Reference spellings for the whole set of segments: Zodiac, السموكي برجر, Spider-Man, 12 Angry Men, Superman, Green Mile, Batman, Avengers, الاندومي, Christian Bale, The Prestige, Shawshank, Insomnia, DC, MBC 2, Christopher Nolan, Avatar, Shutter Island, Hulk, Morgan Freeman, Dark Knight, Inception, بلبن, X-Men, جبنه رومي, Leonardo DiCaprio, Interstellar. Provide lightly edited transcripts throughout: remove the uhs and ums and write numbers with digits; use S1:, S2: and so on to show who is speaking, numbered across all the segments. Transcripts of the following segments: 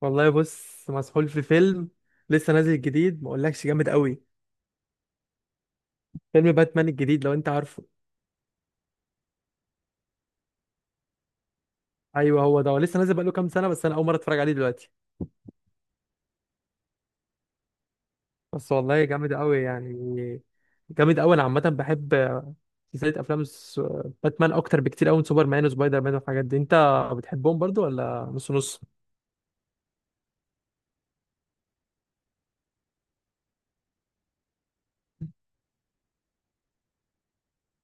S1: والله بص، مسحول في فيلم لسه نازل جديد. ما اقولكش جامد قوي. فيلم باتمان الجديد لو انت عارفه. ايوه، هو ده. هو لسه نازل بقاله كام سنه، بس انا اول مره اتفرج عليه دلوقتي. بس والله جامد قوي يعني. جامد قوي. انا عامه بحب سلسله افلام باتمان اكتر بكتير قوي من سوبرمان وسبايدر مان والحاجات دي. انت بتحبهم برضو ولا نص نص؟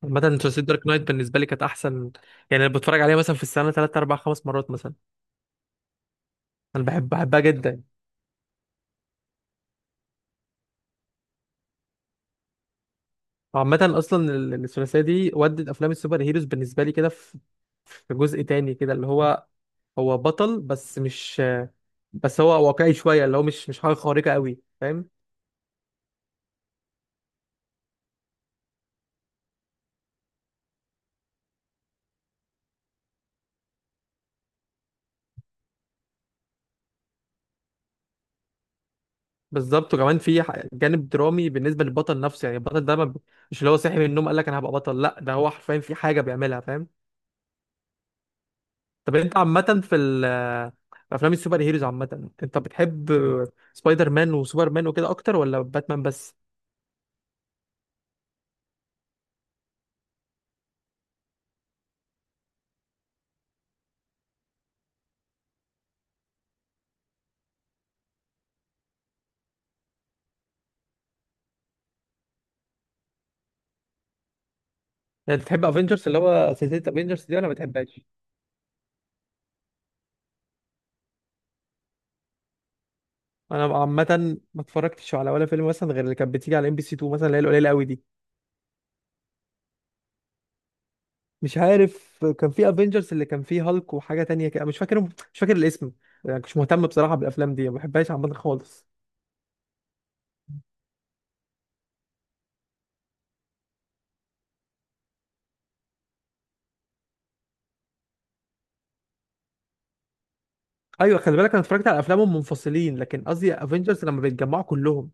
S1: عامه سلسله دارك نايت بالنسبه لي كانت احسن. يعني انا بتفرج عليها مثلا في السنه 3 4 5 مرات مثلا. انا بحبها جدا. عامة، أصلا الثلاثية دي ودت أفلام السوبر هيروز بالنسبة لي كده. في جزء تاني كده اللي هو هو بطل بس مش بس هو واقعي شوية، اللي هو مش حاجة خارقة قوي، فاهم. بالظبط، وكمان في جانب درامي بالنسبة للبطل نفسه. يعني البطل ده ما ب- مش اللي هو صاحي من النوم قال لك أنا هبقى بطل، لا ده هو حرفيا في حاجة بيعملها، فاهم. طب أنت عامة في أفلام السوبر هيروز عامة أنت بتحب سبايدر مان وسوبر مان وكده أكتر ولا باتمان بس؟ يعني بتحب افنجرز، اللي هو سلسلة افنجرز دي، ولا ما بتحبهاش؟ انا عامه ما اتفرجتش على ولا فيلم، مثلا، غير اللي كانت بتيجي على ام بي سي 2 مثلا، اللي هي القليله قوي دي. مش عارف، كان في افنجرز اللي كان فيه هالك وحاجه تانية كده، مش فاكر الاسم. يعني مش مهتم بصراحه بالافلام دي، ما بحبهاش عامه خالص. ايوه، خلي بالك، انا اتفرجت على افلامهم منفصلين، لكن قصدي افنجرز لما بيتجمعوا كلهم.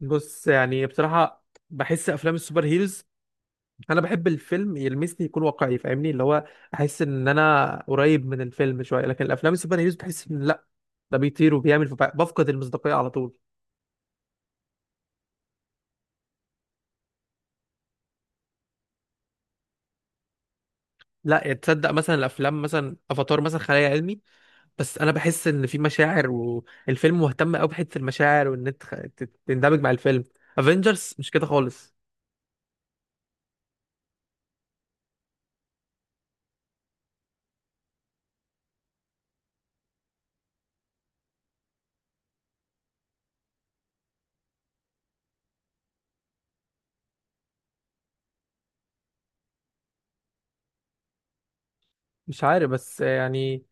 S1: بص، يعني بصراحه بحس افلام السوبر هيروز، انا بحب الفيلم يلمسني، يكون واقعي فاهمني، اللي هو احس ان انا قريب من الفيلم شويه. لكن الافلام السوبر هيروز بحس ان لا، ده بيطير وبيعمل، فبفقد المصداقيه على طول. لا، يعني تصدق مثلا الافلام، مثلا افاتار مثلا خيال علمي، بس انا بحس ان في مشاعر والفيلم مهتم قوي بحته المشاعر، وان انت تندمج مع الفيلم. افنجرز مش كده خالص. مش عارف، بس يعني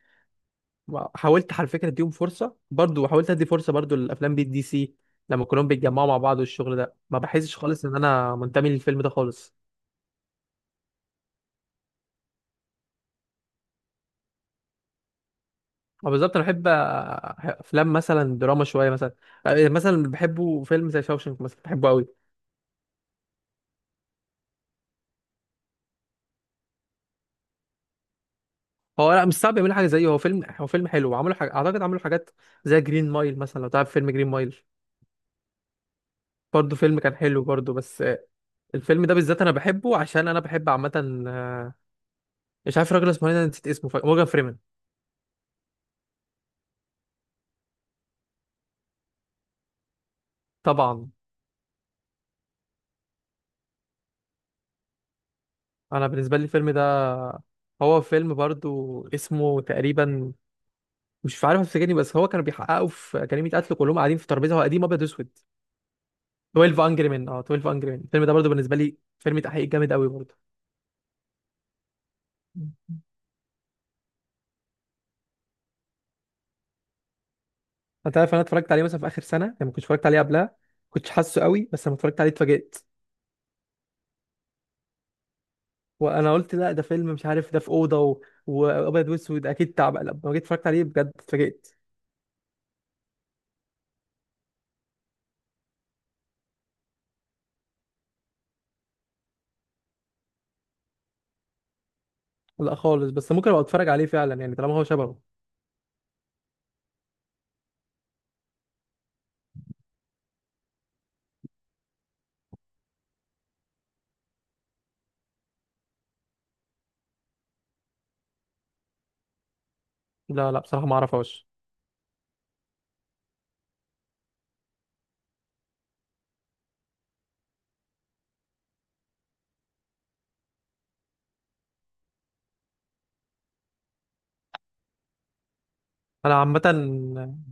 S1: حاولت على فكره اديهم فرصه برضو، حاولت ادي فرصه برضو للافلام بالدي سي. لما كلهم بيتجمعوا مع بعض والشغل ده، ما بحسش خالص ان انا منتمي للفيلم ده خالص. ما بالظبط، انا بحب افلام مثلا دراما شويه. مثلا بحبه فيلم زي شاوشنك، مثلا بحبه قوي. هو لا، مش صعب يعملوا حاجه زيه، هو فيلم حلو، وعملوا حاجه، اعتقد عملوا حاجات زي جرين مايل مثلا، لو تعرف فيلم جرين مايل. برضه فيلم كان حلو برضه، بس الفيلم ده بالذات انا بحبه عشان انا بحب عامه، مش عارف الراجل اسمه ايه، انا نسيت اسمه، مورجان فريمان. طبعا. انا بالنسبه لي الفيلم ده، هو فيلم برضه اسمه تقريبا، مش عارف افتكرني، بس هو كانوا بيحققوا في أكاديمية قتل، كلهم قاعدين في ترابيزه، هو قديم ابيض واسود. 12 انجري مان. اه، 12 انجري مان. الفيلم ده برضه بالنسبه لي فيلم تحقيق جامد قوي. برضه، انت عارف انا اتفرجت عليه مثلا في اخر سنه، يعني ما كنتش اتفرجت عليه قبلها، كنتش حاسه قوي، بس لما اتفرجت عليه اتفاجئت. وانا قلت لا ده فيلم مش عارف، ده في اوضه وابيض واسود، اكيد تعب. لما جيت اتفرجت عليه بجد اتفاجئت. لا خالص، بس ممكن ابقى اتفرج عليه فعلا، يعني طالما هو شبهه. لا لا، بصراحه ما اعرفهاش. انا عامه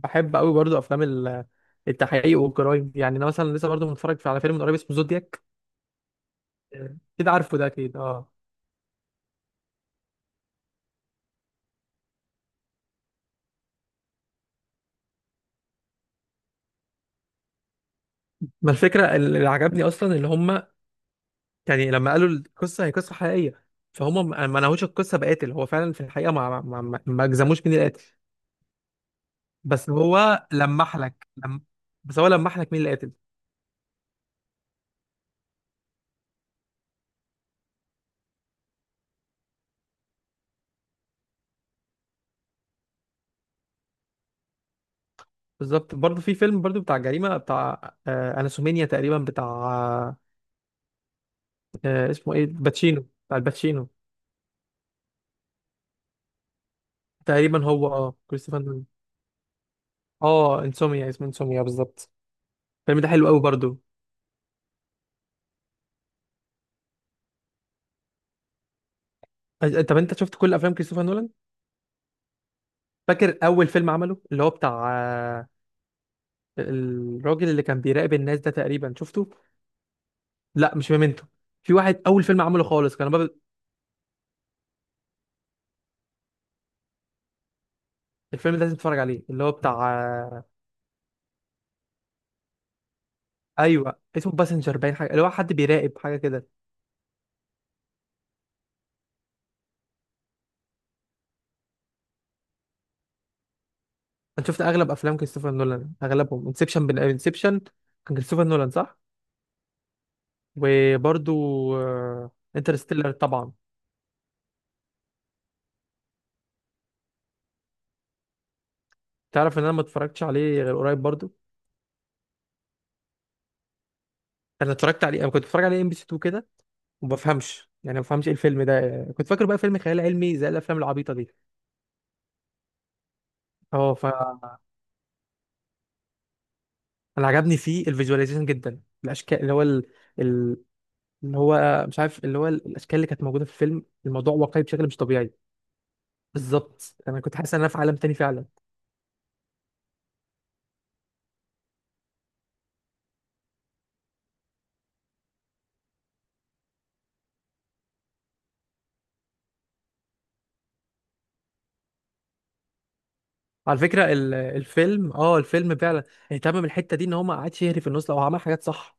S1: بحب قوي برضو افلام التحقيق والجرايم. يعني انا مثلا لسه برضو متفرج على فيلم من قريب اسمه زودياك، كده عارفه ده اكيد، اه. ما الفكره اللي عجبني اصلا اللي هم، يعني لما قالوا القصه هي قصه حقيقيه، فهم ما نهوش القصه بقاتل، هو فعلا في الحقيقه ما جزموش مين اللي قاتل. بس هو لمح لك لم... بس هو لمح لك مين اللي قاتل. بالظبط. برضه في فيلم برضه بتاع جريمه، بتاع اناسومينيا تقريبا، بتاع، اسمه ايه، باتشينو، بتاع الباتشينو. تقريبا هو، كريستوفر نولان. اه، انسوميا، اسمه انسوميا بالظبط. الفيلم ده حلو قوي برضه. طب انت شفت كل افلام كريستوفر نولان؟ فاكر اول فيلم عمله اللي هو بتاع، الراجل اللي كان بيراقب الناس ده، تقريبا شفته. لا مش ميمنتو، في واحد اول فيلم عمله خالص كان باب. الفيلم ده لازم تتفرج عليه، اللي هو بتاع، ايوه اسمه باسنجر باين، حاجه اللي هو حد بيراقب حاجه كده. انا شفت اغلب افلام كريستوفر نولان اغلبهم، انسبشن، انسبشن كان كريستوفر نولان صح؟ وبرضو انترستيلر طبعا. تعرف ان انا ما اتفرجتش عليه غير قريب برضو. انا كنت بتفرج عليه ام بي سي 2 كده، وما بفهمش، يعني ما بفهمش ايه الفيلم ده، كنت فاكر بقى فيلم خيال علمي زي الافلام العبيطه دي. اه، انا عجبني فيه الفيجواليزيشن جدا، الاشكال اللي هو ال... اللي هو مش عارف، اللي هو الاشكال اللي كانت موجوده في الفيلم، الموضوع واقعي بشكل مش طبيعي. بالظبط، انا كنت حاسس ان انا في عالم تاني فعلا. على فكره الفيلم، الفيلم فعلا اهتم الحته دي، ان هو ما قعدش يهري في النص، لو عمل حاجات صح.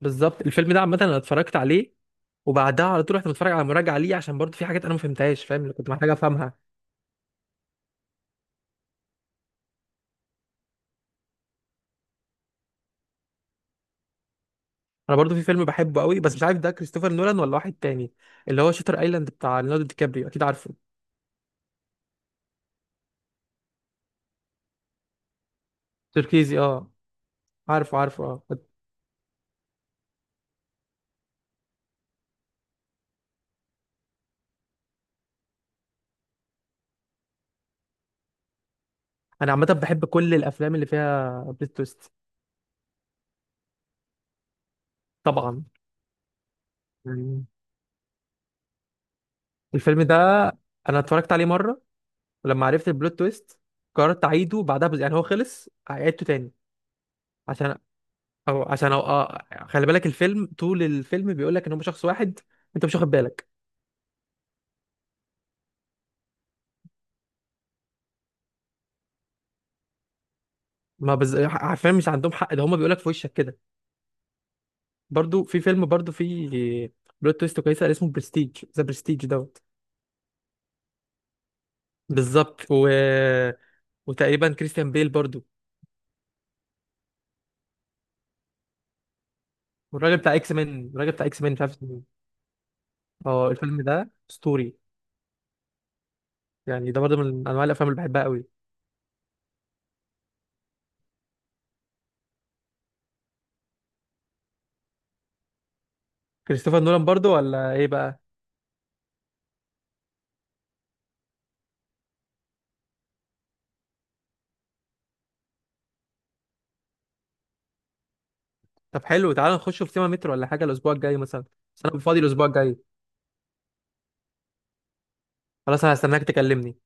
S1: بالظبط. الفيلم ده عامه انا اتفرجت عليه، وبعدها على طول رحت متفرج على مراجعه ليه، عشان برضه في حاجات انا ما فهمتهاش، فاهم، اللي كنت محتاج افهمها. انا برضه في فيلم بحبه قوي، بس مش عارف ده كريستوفر نولان ولا واحد تاني، اللي هو شاتر ايلاند بتاع ليوناردو دي كابريو، اكيد عارفه، تركيزي اه. عارف عارف، اه. انا عامه بحب كل الافلام اللي فيها بلوت تويست. طبعا. يعني الفيلم ده انا اتفرجت عليه مره، ولما عرفت البلوت تويست قررت اعيده بعدها يعني هو خلص، عيدته تاني، عشان أو عشان أو... آه... خلي بالك، الفيلم، طول الفيلم بيقول لك ان هم شخص واحد، انت مش واخد بالك. ما عارفين مش عندهم حق، ده هم بيقول لك في وشك كده. برضو في فيلم برضو في بلوت تويست كويسه اسمه برستيج، ذا برستيج. بالظبط، وتقريبا كريستيان بيل برضو. والراجل بتاع اكس مان، الراجل بتاع اكس مان مش عارف اسمه إيه. اه، الفيلم ده اسطوري. يعني ده برضه من انواع الافلام اللي بحبها قوي. كريستوفر نولان برضه ولا ايه بقى؟ طب حلو، تعالى نخش في سينما مترو ولا حاجه الاسبوع الجاي مثلا؟ بس انا فاضي الاسبوع الجاي. خلاص، انا هستناك تكلمني.